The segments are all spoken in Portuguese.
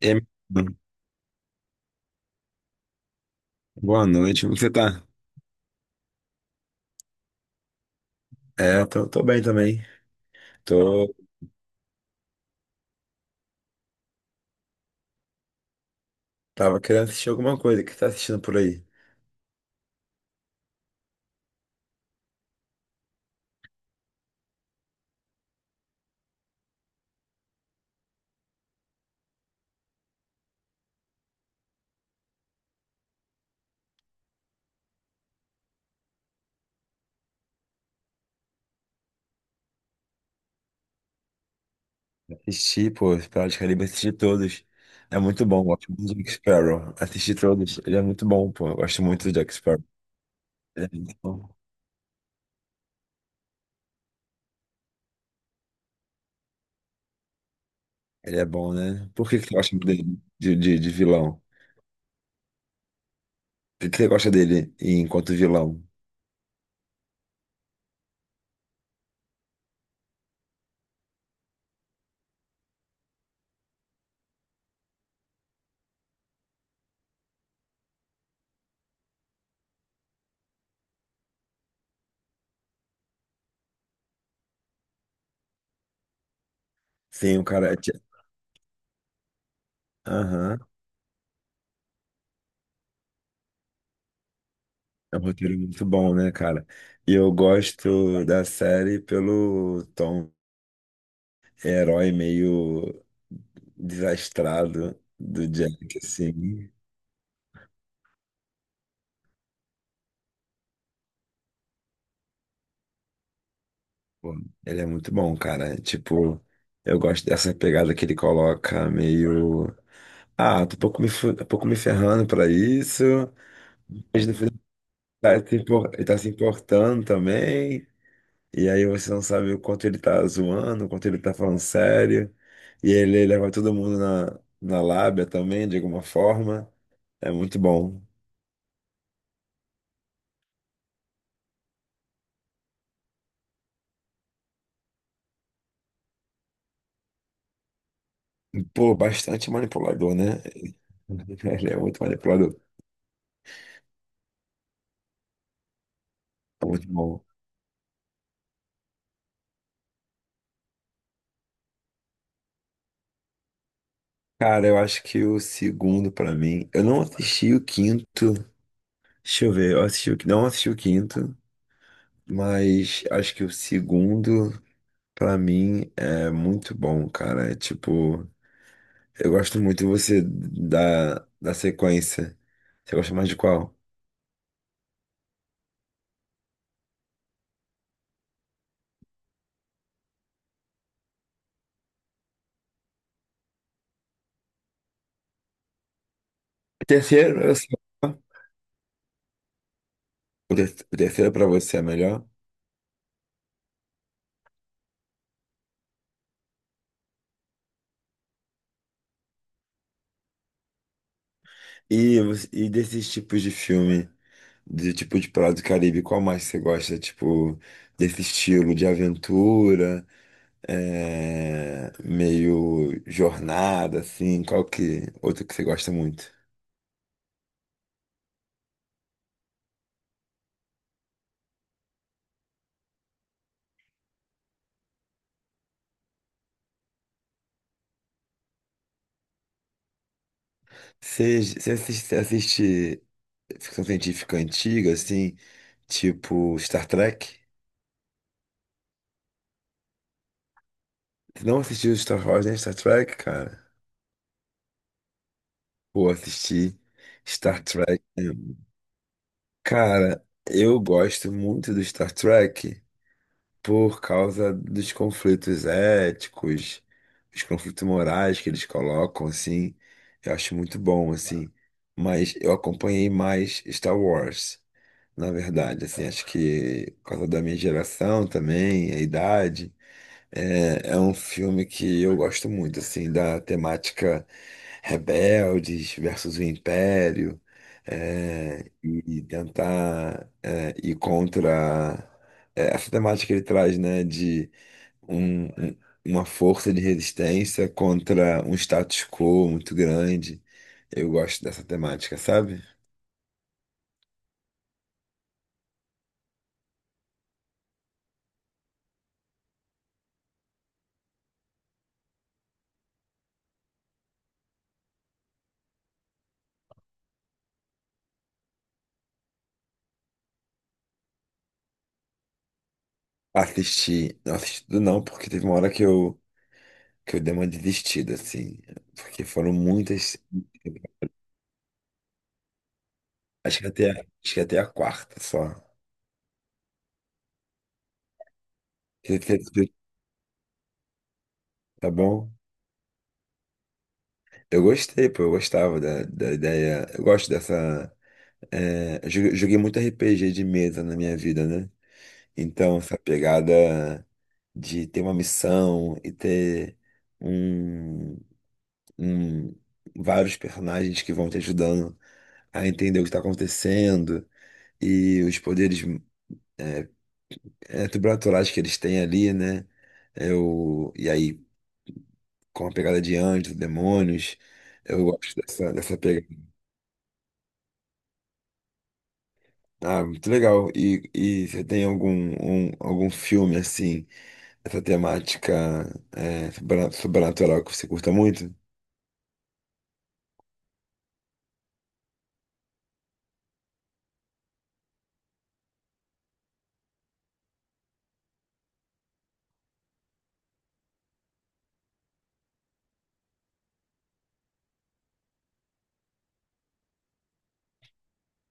E aí, mano, boa noite, como você tá? Eu tô bem também. Tô, tava querendo assistir alguma coisa. O que você tá assistindo por aí? Assisti, pô, Piratas do Caribe, assisti todos. É muito bom, gosto muito do Jack Sparrow. Assisti todos, ele é muito bom, pô, eu gosto muito do Jack Sparrow. Ele é muito bom, ele é bom, né? Por que que você gosta muito dele, de vilão? Por que que você gosta dele enquanto vilão? Sim, o cara. Aham. É um roteiro muito bom, né, cara? E eu gosto da série pelo tom. É herói meio desastrado do Jack, assim. Pô, ele é muito bom, cara. Tipo, eu gosto dessa pegada que ele coloca meio. Ah, tô um pouco me, tô pouco me ferrando pra isso. Mas no final ele tá se impor- ele tá se importando também. E aí você não sabe o quanto ele tá zoando, o quanto ele tá falando sério. E ele leva todo mundo na lábia também, de alguma forma. É muito bom. Pô, bastante manipulador, né? Ele é muito manipulador. É muito bom. Cara, eu acho que o segundo pra mim. Eu não assisti o quinto. Deixa eu ver, eu não assisti o quinto, mas acho que o segundo pra mim é muito bom, cara. É tipo, eu gosto muito você da sequência. Você gosta mais de qual? O terceiro, eu sei. O terceiro pra você é melhor. E, e desses tipos de filme. De tipo de prato do Caribe, qual mais você gosta? Tipo, desse estilo de aventura, é, meio jornada, assim, qual que outro que você gosta muito? Você assiste ficção científica antiga, assim, tipo Star Trek? Você não assistiu Star Wars nem Star Trek, cara? Pô, assisti Star Trek, né? Cara, eu gosto muito do Star Trek, por causa dos conflitos éticos, os conflitos morais que eles colocam, assim, eu acho muito bom, assim. Mas eu acompanhei mais Star Wars, na verdade, assim, acho que por causa da minha geração também, a idade. É, é um filme que eu gosto muito, assim, da temática rebeldes versus o império, é, e tentar ir contra essa temática que ele traz, né, de um- um- uma força de resistência contra um status quo muito grande. Eu gosto dessa temática, sabe? Assisti, não assisti tudo não, porque teve uma hora que eu dei uma desistida, assim, porque foram muitas. Acho que até, acho que até a quarta só. Que- que- que- Tá bom? Eu gostei, pô, eu gostava da ideia. Eu gosto dessa. Eu joguei muito RPG de mesa na minha vida, né? Então, essa pegada de ter uma missão e ter um, um- vários personagens que vão te ajudando a entender o que está acontecendo e os poderes é, sobrenaturais que eles têm ali, né? Eu, e aí com a pegada de anjos, demônios. Eu gosto dessa pegada. Ah, muito legal. E você tem algum filme assim, dessa temática sobrenatural que você curta muito?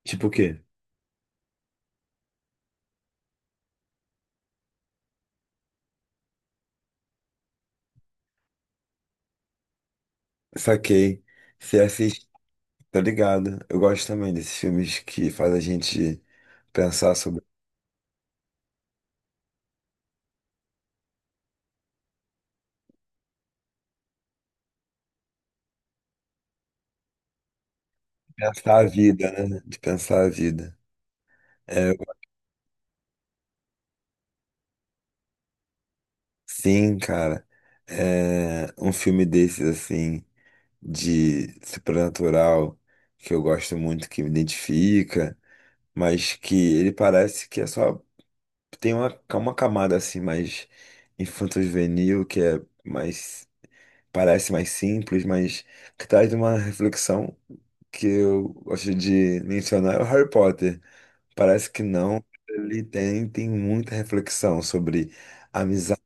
Tipo o quê? Saquei. Você assiste, tá ligado? Eu gosto também desses filmes que faz a gente pensar sobre. Pensar a vida, né? De pensar a vida. É, eu- sim, cara. É, um filme desses, assim, de sobrenatural que eu gosto muito, que me identifica, mas que ele parece que é só tem uma camada assim mais infanto-juvenil, que é mais parece mais simples, mas que traz uma reflexão que eu gosto de mencionar é o Harry Potter. Parece que não. Ele tem, tem muita reflexão sobre amizade,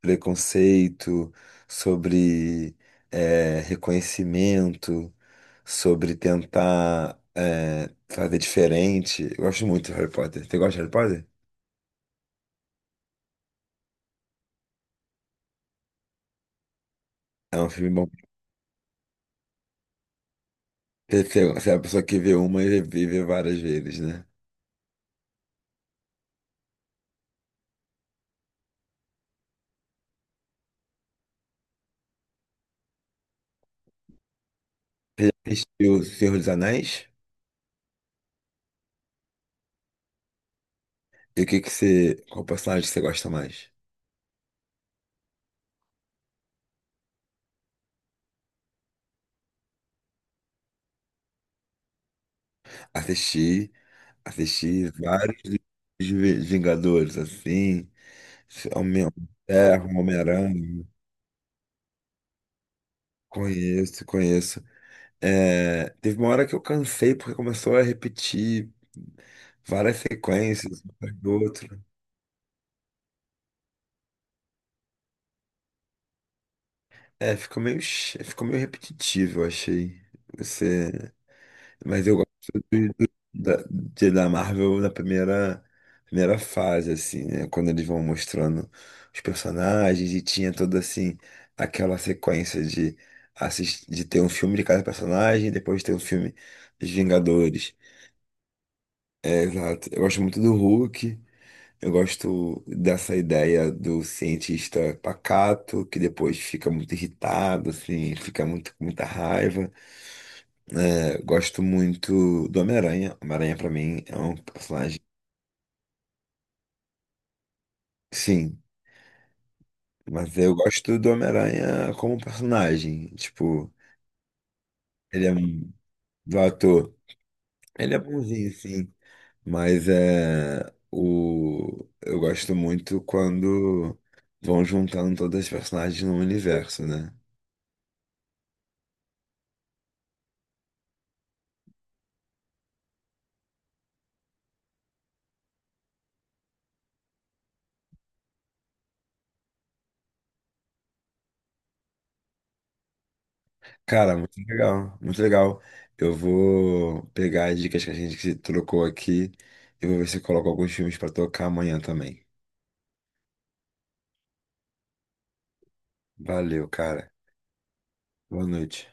preconceito, sobre reconhecimento, sobre tentar fazer diferente. Eu gosto muito de Harry Potter. Você gosta de Harry Potter? É um filme bom. Você é a pessoa que vê uma e vive várias vezes, né? Você já assistiu O Senhor dos Anéis? E o que que você. Qual personagem que você gosta mais? Assisti. Assisti vários dos Vingadores, assim, Homem- Terra, Homem-Aranha. Conheço, conheço. É, teve uma hora que eu cansei porque começou a repetir várias sequências, uma atrás do outro. É, ficou meio, ficou meio repetitivo, eu achei. Você. Mas eu gosto da Marvel na primeira fase, assim, né? Quando eles vão mostrando os personagens e tinha toda, assim, aquela sequência assistir, de ter um filme de cada personagem, depois ter um filme dos Vingadores. É, exato. Eu gosto muito do Hulk, eu gosto dessa ideia do cientista pacato, que depois fica muito irritado, assim, fica muito, com muita raiva. É, gosto muito do Homem-Aranha. Homem-Aranha, pra mim, é um personagem. Sim, mas eu gosto do Homem-Aranha como personagem. Tipo, ele é um. Do ator. Ele é bonzinho, sim. Mas é. O... Eu gosto muito quando vão juntando todas as personagens no universo, né? Cara, muito legal. Muito legal. Eu vou pegar as dicas que a gente se trocou aqui e vou ver se eu coloco alguns filmes pra tocar amanhã também. Valeu, cara. Boa noite.